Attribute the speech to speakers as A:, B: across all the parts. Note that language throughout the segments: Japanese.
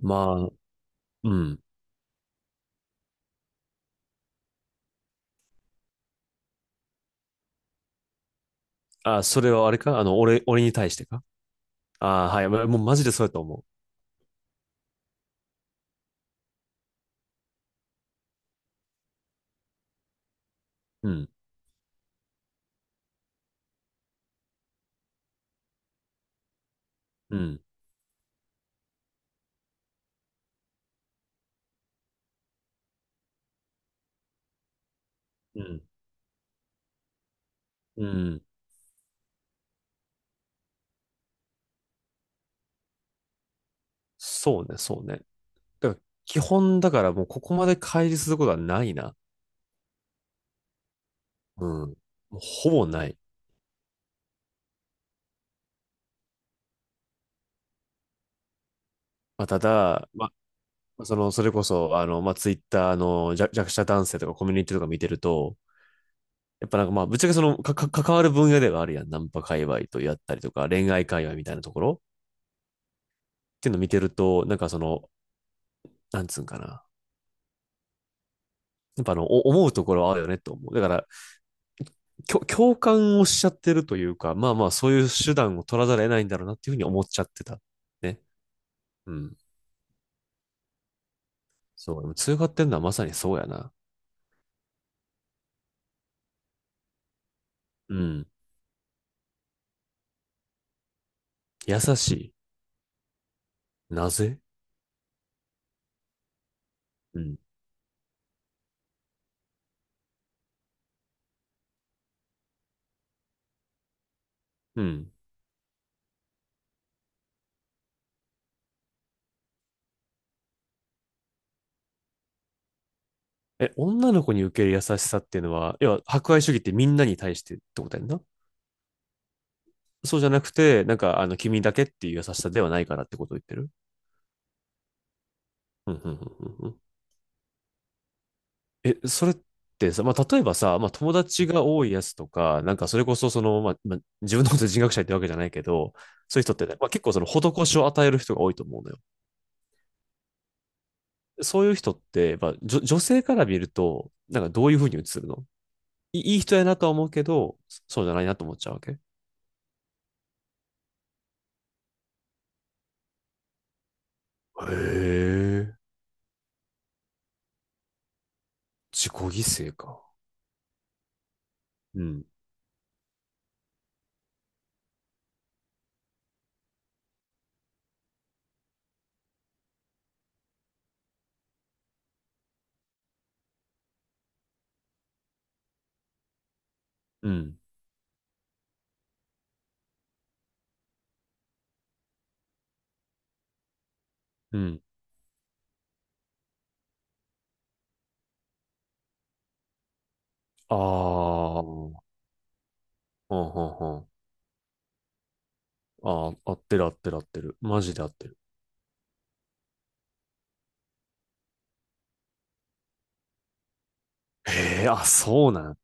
A: まあ、うん。あ、それはあれか俺、俺に対してか、あ、はい。ま、もうマジでそうやと思う。うん、うん、うん、うん。そうね、そうね。だから、基本だからもうここまで乖離することはないな。うん。もうほぼない。まあ、ただ、まあ、それこそ、ツイッターの弱者男性とかコミュニティとか見てると、やっぱぶっちゃけ関わる分野ではあるやん。ナンパ界隈とやったりとか、恋愛界隈みたいなところっていうの見てると、なんつうんかな。やっぱ思うところはあるよねと思う。だから、共感をしちゃってるというか、そういう手段を取らざるを得ないんだろうなっていうふうに思っちゃってた。ね。うん。そう。でも通過ってんのはまさにそうやな。うん。優しい。なぜ。うん。うん。え、女の子に受ける優しさっていうのは、要は、博愛主義ってみんなに対してってことやんな。そうじゃなくて、君だけっていう優しさではないからってことを言ってる。うん、うん、うん、う、え、それってさ、例えばさ、友達が多いやつとか、なんかそれこそ自分のこと人格者ってわけじゃないけど、そういう人ってね、まあ、結構その施しを与える人が多いと思うのよ。そういう人って、まあ、女性から見ると、なんかどういうふうに映るの。い、いい人やなとは思うけど、そうじゃないなと思っちゃうわけへ。え、自己犠牲か。うん、うん、うん。ああ、うんうんうん。ああ、うん、ああ、合ってる、合ってる、合ってる。マジで合ってる。へえ、あ、そうなん。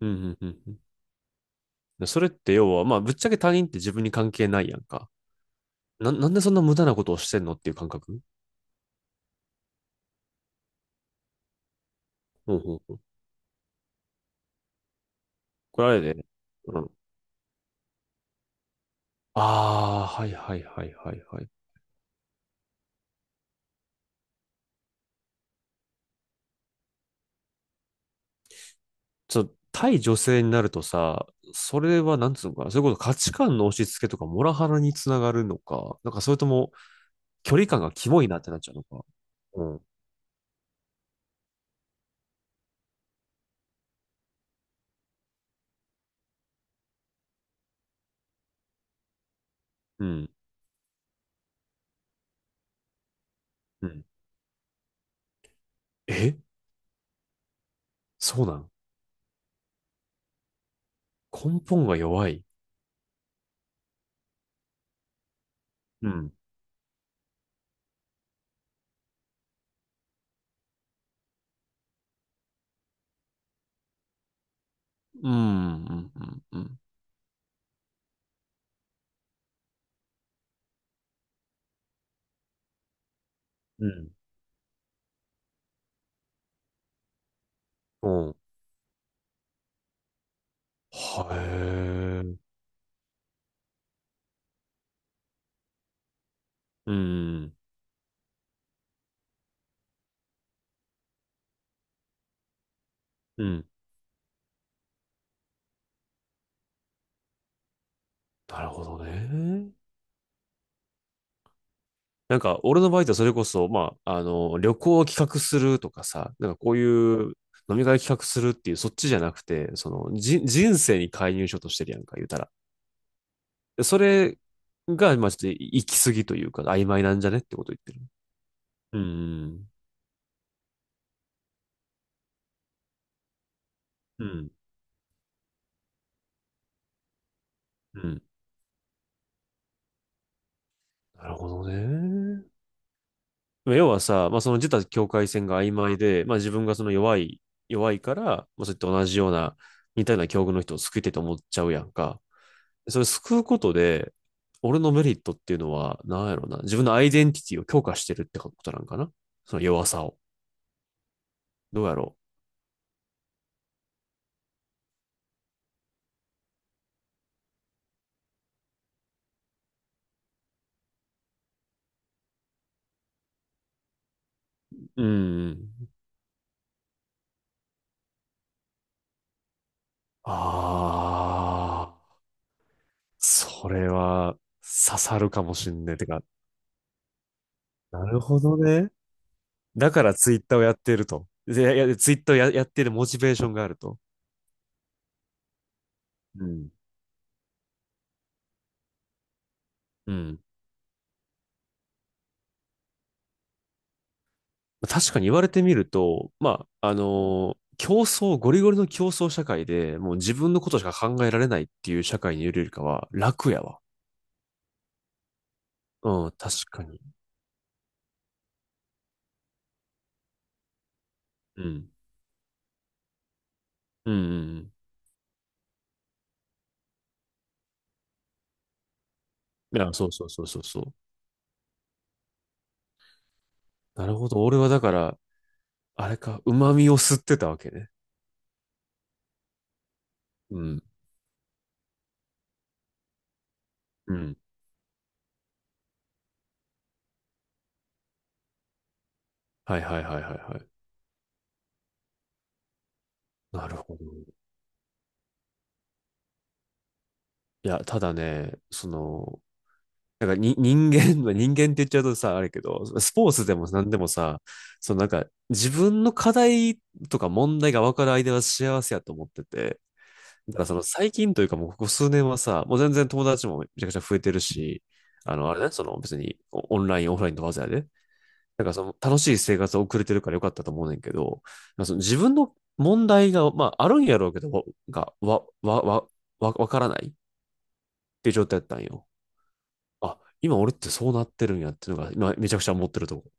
A: うんうんうんうん。でそれって要は、まあ、ぶっちゃけ他人って自分に関係ないやんか。な、なんでそんな無駄なことをしてんのっていう感覚。ほうほうほう。これあれで、うん、ああ、はいはいはいはいはい。ちょっと、対女性になるとさ、それはなんつうのかな、それこそ価値観の押し付けとかモラハラにつながるのか、なんかそれとも距離感がキモいなってなっちゃうのか。うん、うん、うん。え、そうなん。根本が弱い。うん、うん、うん、うん、うん。うん。うん。はえ。うん。うん。なるほどね。なんか、俺の場合ってそれこそ、旅行を企画するとかさ、なんかこういう飲み会企画するっていう、そっちじゃなくて、人生に介入しようとしてるやんか、言うたら。でそれが、まあ、ちょっと行き過ぎというか、曖昧なんじゃねってこと言ってる。うん。うん。うん。なるほどね。まあ要はさ、まあ、その自他境界線が曖昧で、まあ、自分がその弱い、弱いから、まあ、そういった同じような、似たような境遇の人を救いたいと思っちゃうやんか。それ救うことで、俺のメリットっていうのは、なんやろうな。自分のアイデンティティを強化してるってことなんかな、その弱さを。どうやろう。うんうん。ああ、それは刺さるかもしんねえ。てか、なるほどね。だからツイッターをやっていると。で、いや、ツイッターをやっているモチベーションがあると。うん。うん。確かに言われてみると、競争、ゴリゴリの競争社会で、もう自分のことしか考えられないっていう社会にいるよりかは、楽やわ。うん、確かに。うん。うん、うんうん。いや、そうそうそうそうそう。なるほど。俺はだから、あれか、旨味を吸ってたわけね。うん。うん。はいはいはいはいはい。なるほど。いや、ただね、なんかに人間、まあ人間って言っちゃうとさ、あれけど、スポーツでも何でもさ、そのなんか自分の課題とか問題が分かる相手は幸せやと思ってて、だからその最近というかもうここ数年はさ、もう全然友達もめちゃくちゃ増えてるし、あの、あれね、その別にオオンライン、オフラインとわざやで、なんかその楽しい生活を送れてるからよかったと思うねんけど、なんかその自分の問題が、まああるんやろうけど、わが、わ、わ、わ、わ、わからないっていう状態だったんよ。あ、今俺ってそうなってるんやっていうのが、今めちゃくちゃ思ってるとこ。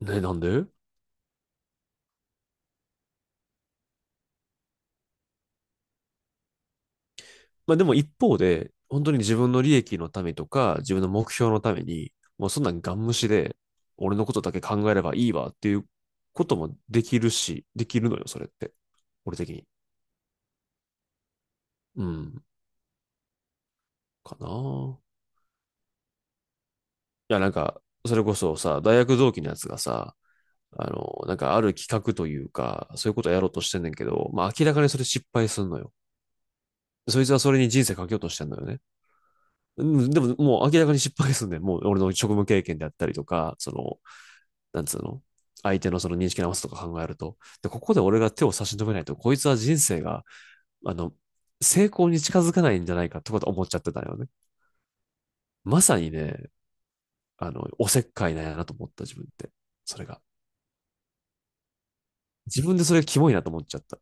A: ね、なんで。まあでも一方で、本当に自分の利益のためとか、自分の目標のために、もうそんなんガン無視で、俺のことだけ考えればいいわっていうこともできるし、できるのよ、それって。俺的に。うん、かなあ。いや、なんか、それこそさ、大学同期のやつがさ、なんかある企画というか、そういうことやろうとしてんねんけど、まあ明らかにそれ失敗すんのよ。そいつはそれに人生かけようとしてんのよね。うん、でももう明らかに失敗するんね、もう俺の職務経験であったりとか、その、なんつうの、相手のその認識直すとか考えると。で、ここで俺が手を差し伸べないと、こいつは人生が、あの、成功に近づかないんじゃないかとかと思っちゃってたよね。まさにね、あの、おせっかいなんやなと思った自分って。それが。自分でそれがキモいなと思っちゃった。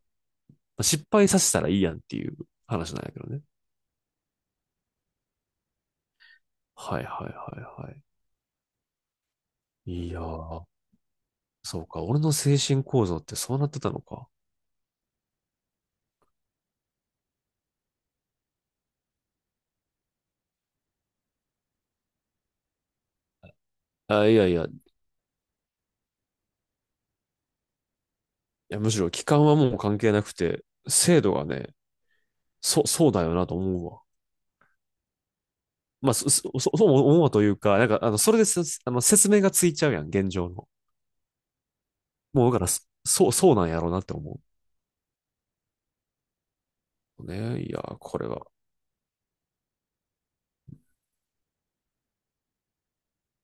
A: 失敗させたらいいやんっていう話なんやけどね。はいはいはいはい。いやー、そうか。俺の精神構造ってそうなってたのか。あ、いやいや、いや、むしろ期間はもう関係なくて、制度がね、そうだよなと思うわ。まあ、そう思うわというか、それです、あの、説明がついちゃうやん、現状の。もう、だから、そうなんやろうなって思う。ね、いや、これは